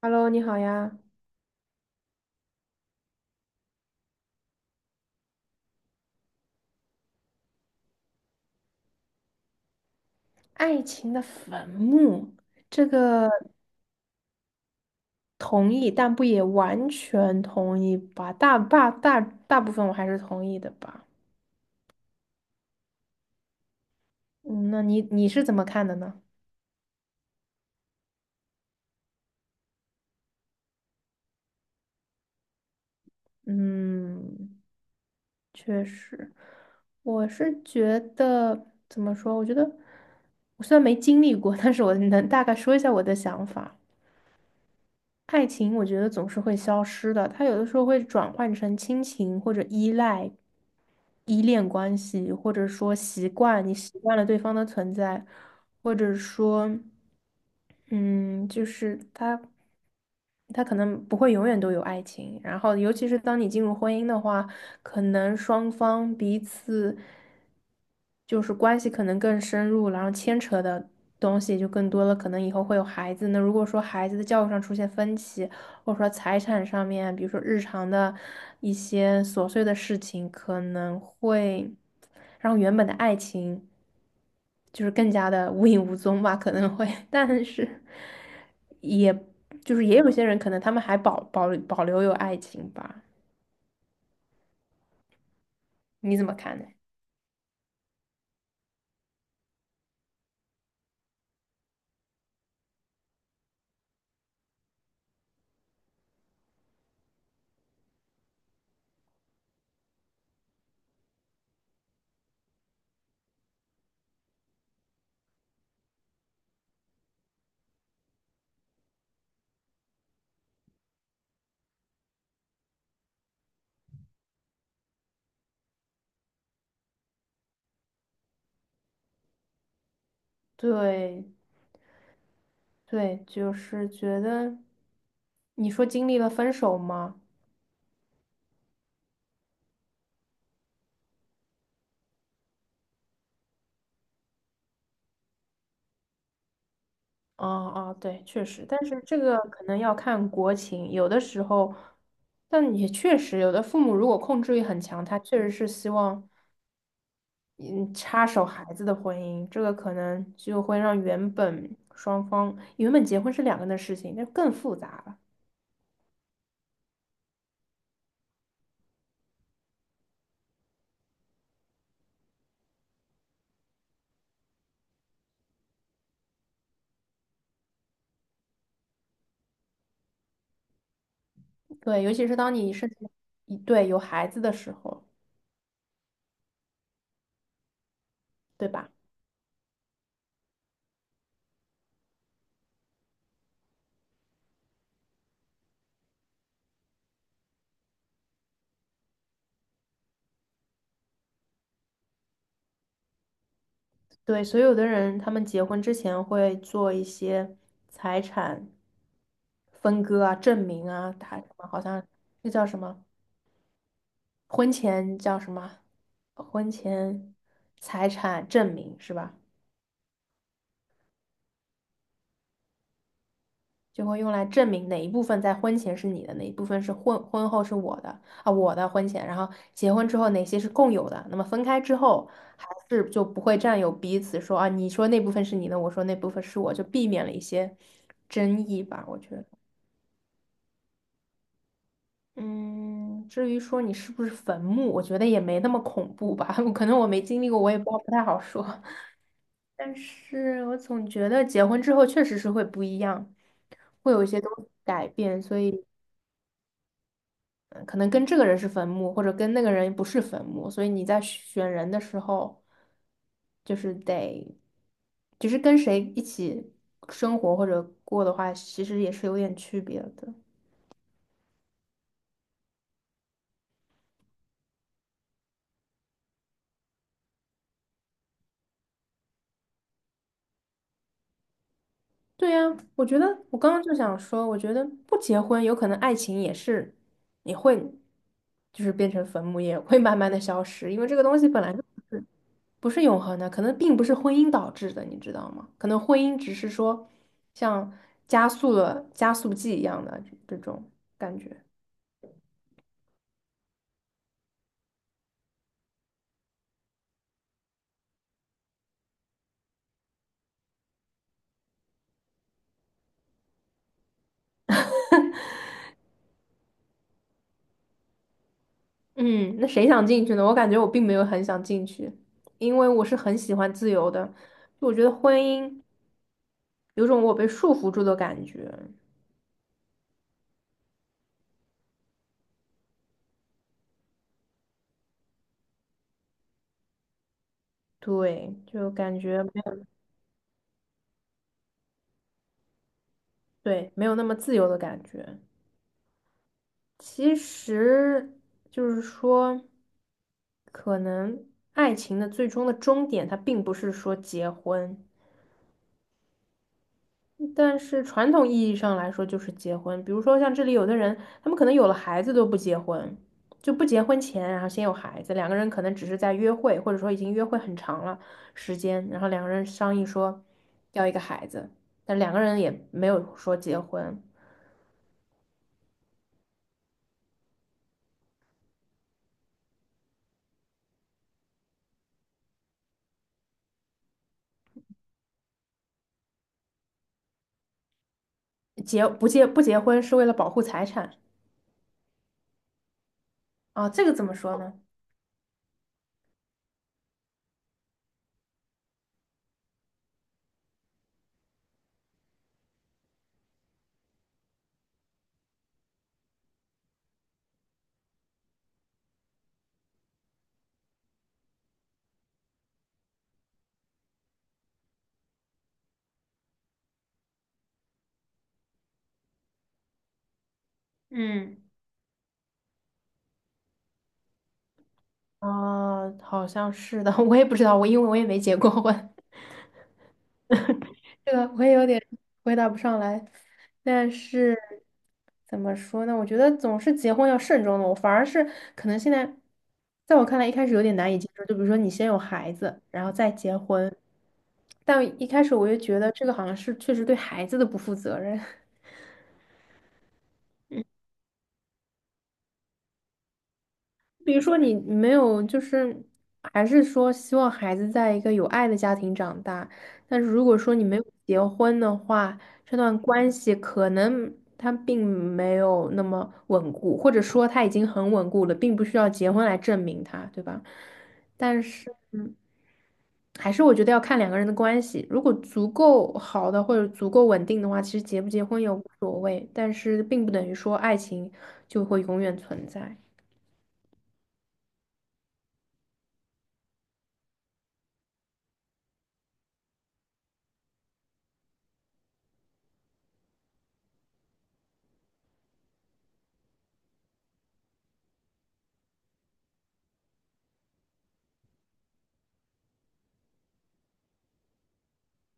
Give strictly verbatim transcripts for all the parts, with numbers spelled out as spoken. Hello,你好呀。爱情的坟墓，这个同意，但不也完全同意吧？大大大大部分我还是同意的吧。嗯，那你你是怎么看的呢？嗯，确实，我是觉得怎么说？我觉得我虽然没经历过，但是我能大概说一下我的想法。爱情我觉得总是会消失的，它有的时候会转换成亲情或者依赖、依恋关系，或者说习惯，你习惯了对方的存在，或者说，嗯，就是它它可能不会永远都有爱情。然后，尤其是当你进入婚姻的话，可能双方彼此就是关系可能更深入，然后牵扯的东西就更多了，可能以后会有孩子。那如果说孩子的教育上出现分歧，或者说财产上面，比如说日常的一些琐碎的事情，可能会让原本的爱情就是更加的无影无踪吧，可能会，但是也就是也有些人可能他们还保保保留有爱情吧，你怎么看呢？对对，就是觉得你说经历了分手吗？哦哦，对，确实，但是这个可能要看国情，有的时候，但也确实，有的父母如果控制欲很强，他确实是希望嗯插手孩子的婚姻，这个可能就会让原本双方原本结婚是两个人的事情，那更复杂了。对，尤其是当你是一对有孩子的时候，对吧？对，所以有的人他们结婚之前会做一些财产分割啊、证明啊，他什么好像这叫什么？婚前叫什么？婚前财产证明是吧？就会用来证明哪一部分在婚前是你的，哪一部分是婚婚后是我的啊，我的婚前，然后结婚之后哪些是共有的，那么分开之后还是就不会占有彼此说啊，你说那部分是你的，我说那部分是我，就避免了一些争议吧，我觉得。嗯，至于说你是不是坟墓，我觉得也没那么恐怖吧，可能我没经历过，我也不不太好说。但是我总觉得结婚之后确实是会不一样，会有一些东西改变，所以呃可能跟这个人是坟墓，或者跟那个人不是坟墓，所以你在选人的时候，就是得，就是跟谁一起生活或者过的话，其实也是有点区别的。对呀，我觉得我刚刚就想说，我觉得不结婚，有可能爱情也是，也会就是变成坟墓，也会慢慢的消失，因为这个东西本来就。是。不是永恒的，可能并不是婚姻导致的，你知道吗？可能婚姻只是说像加速了加速剂一样的这这种感觉。嗯，那谁想进去呢？我感觉我并没有很想进去，因为我是很喜欢自由的，就我觉得婚姻有种我被束缚住的感觉，对，就感觉没有，对，没有那么自由的感觉。其实就是说，可能爱情的最终的终点，它并不是说结婚，但是传统意义上来说就是结婚。比如说像这里有的人，他们可能有了孩子都不结婚，就不结婚前，然后先有孩子，两个人可能只是在约会，或者说已经约会很长了时间，然后两个人商议说要一个孩子，但两个人也没有说结婚，结不结不结婚是为了保护财产啊，这个怎么说呢？嗯啊，好像是的，我也不知道，我因为我也没结过婚，这个我也有点回答不上来。但是怎么说呢？我觉得总是结婚要慎重的，我反而是可能现在，在我看来一开始有点难以接受，就比如说你先有孩子，然后再结婚，但一开始我就觉得这个好像是确实对孩子的不负责任。比如说你没有，就是还是说希望孩子在一个有爱的家庭长大，但是如果说你没有结婚的话，这段关系可能它并没有那么稳固，或者说它已经很稳固了，并不需要结婚来证明它，对吧？但是还是我觉得要看两个人的关系，如果足够好的或者足够稳定的话，其实结不结婚也无所谓，但是并不等于说爱情就会永远存在。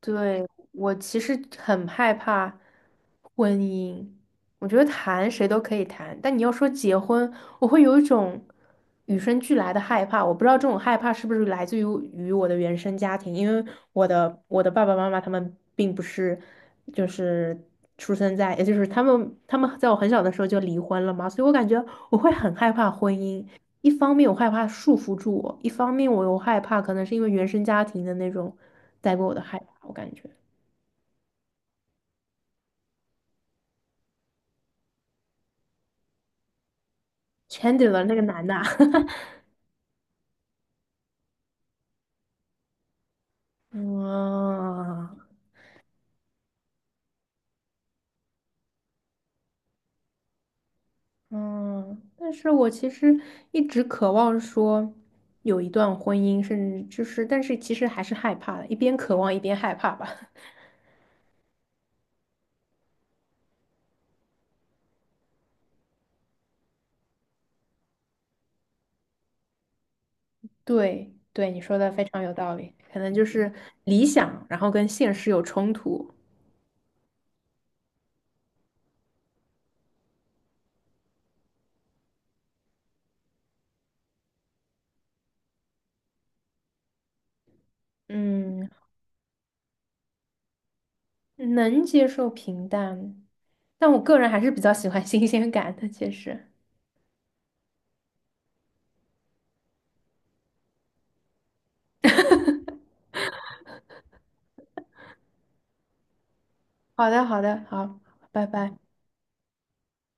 对，我其实很害怕婚姻，我觉得谈谁都可以谈，但你要说结婚，我会有一种与生俱来的害怕。我不知道这种害怕是不是来自于于我的原生家庭，因为我的我的爸爸妈妈他们并不是就是出生在，也就是他们他们在我很小的时候就离婚了嘛，所以我感觉我会很害怕婚姻。一方面我害怕束缚住我，一方面我又害怕可能是因为原生家庭的那种。带过我的害怕，我感觉 c h a n d e r 那个男的啊，嗯嗯，但是我其实一直渴望说有一段婚姻，甚至就是，但是其实还是害怕的，一边渴望一边害怕吧。对对，你说的非常有道理，可能就是理想，然后跟现实有冲突。嗯，能接受平淡，但我个人还是比较喜欢新鲜感的，其实。好的，好的，好，拜拜。